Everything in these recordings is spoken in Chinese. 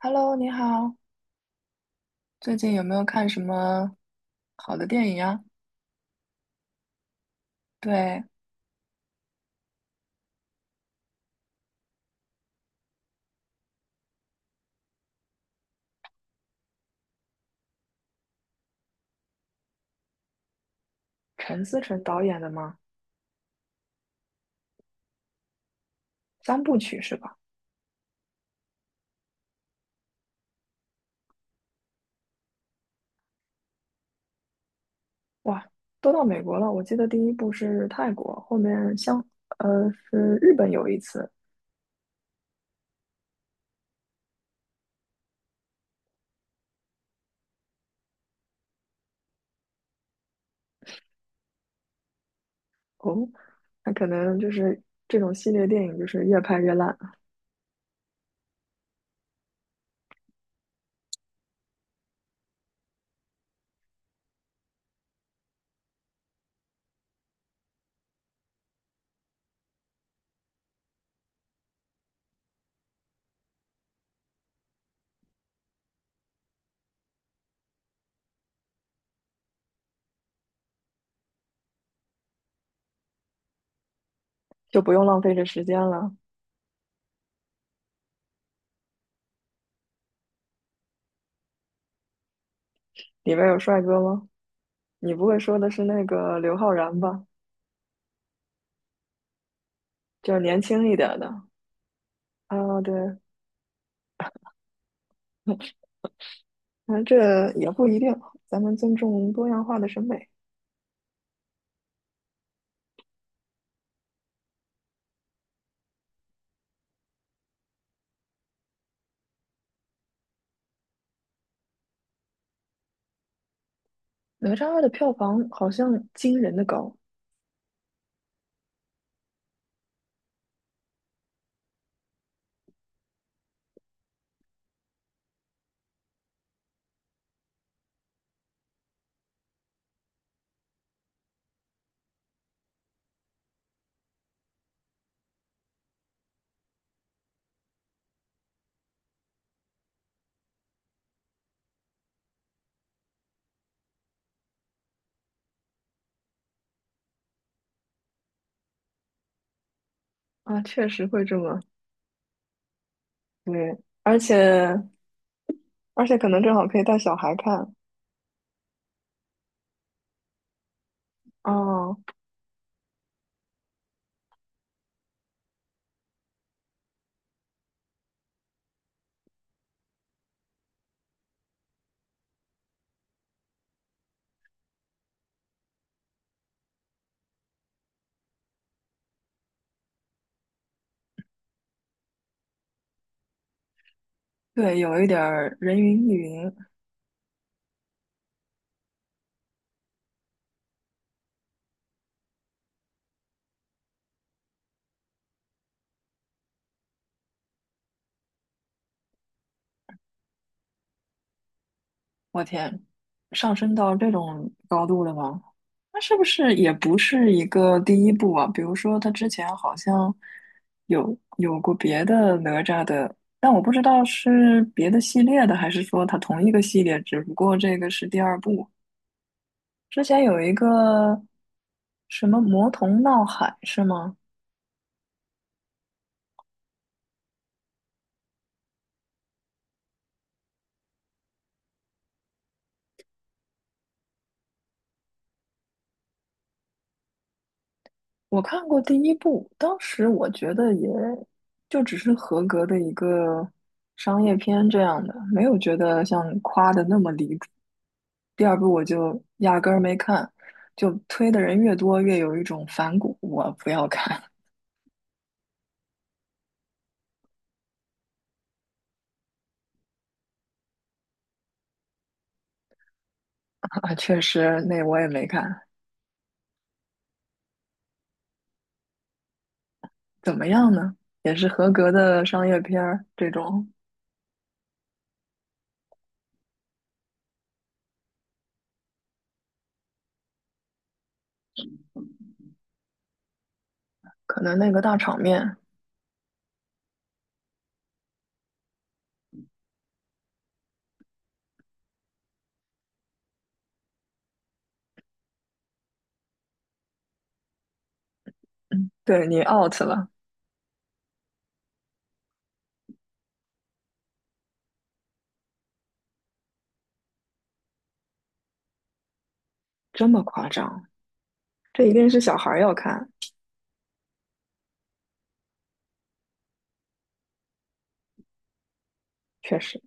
Hello，你好，最近有没有看什么好的电影啊？对，陈思诚导演的吗？三部曲是吧？哇，都到美国了。我记得第一部是泰国，后面像是日本有一次哦。那可能就是这种系列电影就是越拍越烂，就不用浪费这时间了。里面有帅哥吗？你不会说的是那个刘昊然吧？就是年轻一点的啊，对，那这也不一定，咱们尊重多样化的审美。哪吒二的票房好像惊人的高啊，确实会这么对。而且而且可能正好可以带小孩看哦。对，有一点儿人云亦云。我天，上升到这种高度了吗？那是不是也不是一个第一部啊？比如说，他之前好像有过别的哪吒的，但我不知道是别的系列的，还是说它同一个系列，只不过这个是第二部。之前有一个什么《魔童闹海》是吗？我看过第一部，当时我觉得也就只是合格的一个商业片这样的，没有觉得像夸的那么离谱。第二部我就压根儿没看，就推的人越多，越有一种反骨，我不要看。 啊确实，那我也没看，怎么样呢？也是合格的商业片儿，这种可能那个大场面。嗯，对你 out 了。这么夸张。这一定是小孩儿要看，确实。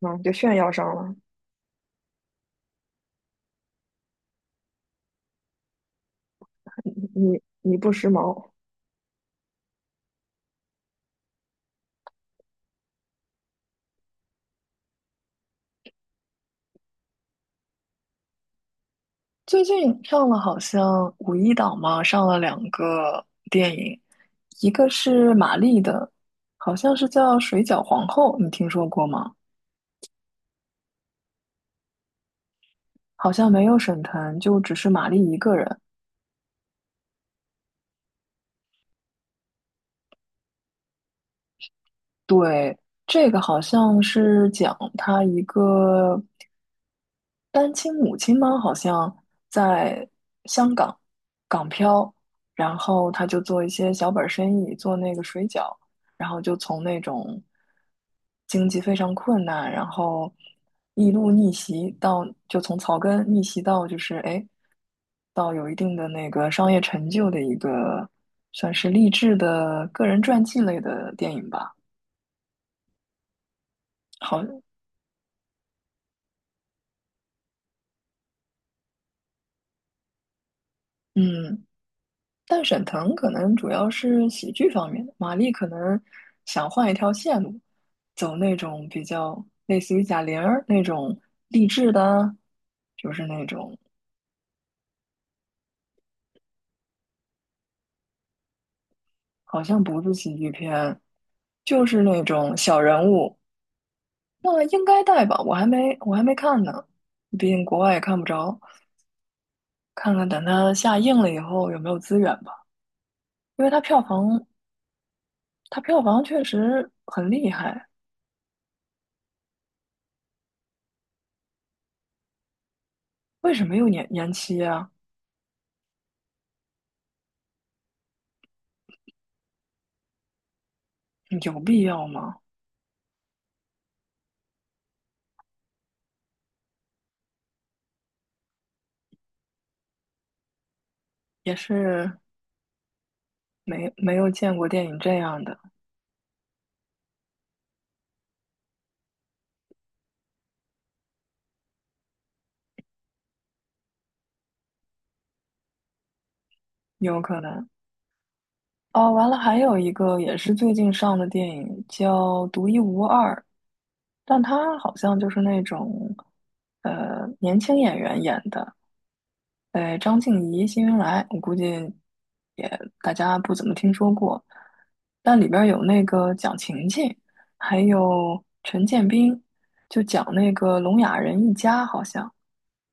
嗯，就炫耀上了。你不时髦。最近上了好像五一档嘛，上了两个电影，一个是玛丽的，好像是叫《水饺皇后》，你听说过吗？好像没有沈腾，就只是玛丽一个人。对，这个好像是讲她一个单亲母亲吗？好像在香港港漂，然后他就做一些小本儿生意，做那个水饺，然后就从那种经济非常困难，然后一路逆袭到，就从草根逆袭到就是哎，到有一定的那个商业成就的一个算是励志的个人传记类的电影吧。好。嗯，但沈腾可能主要是喜剧方面的，马丽可能想换一条线路，走那种比较类似于贾玲儿那种励志的啊，就是那种好像不是喜剧片，就是那种小人物。那应该带吧，我还没看呢，毕竟国外也看不着，看看等它下映了以后有没有资源吧。因为它票房确实很厉害。为什么又延期啊？有必要吗？也是没有见过电影这样的。有可能。哦，完了，还有一个也是最近上的电影叫《独一无二》，但它好像就是那种年轻演员演的。对，张静怡《辛云来》，我估计也大家不怎么听说过，但里边儿有那个蒋勤勤，还有陈建斌，就讲那个聋哑人一家，好像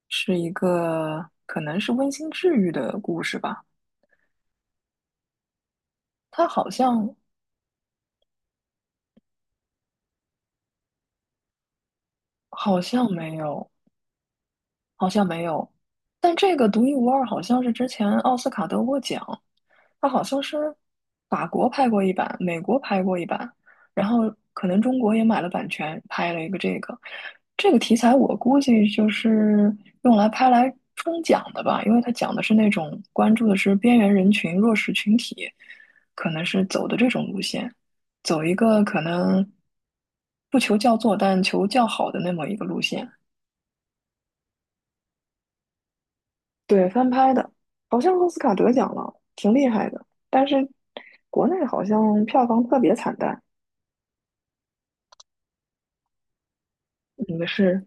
是一个可能是温馨治愈的故事吧。他好像没有，好像没有。但这个独一无二，好像是之前奥斯卡得过奖，它好像是法国拍过一版，美国拍过一版，然后可能中国也买了版权，拍了一个这个。这个题材我估计就是用来拍来冲奖的吧，因为它讲的是那种关注的是边缘人群、弱势群体，可能是走的这种路线，走一个可能不求叫座，但求叫好的那么一个路线。对，翻拍的，好像奥斯卡得奖了，挺厉害的。但是国内好像票房特别惨淡。嗯，是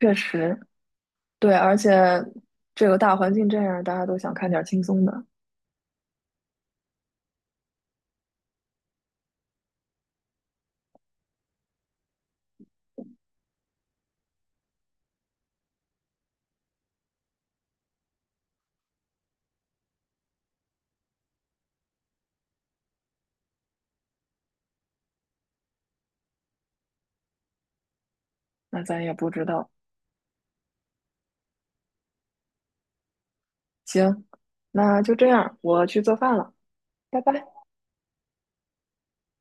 确实对。而且这个大环境这样，大家都想看点轻松的。那咱也不知道。行，那就这样，我去做饭了，拜拜。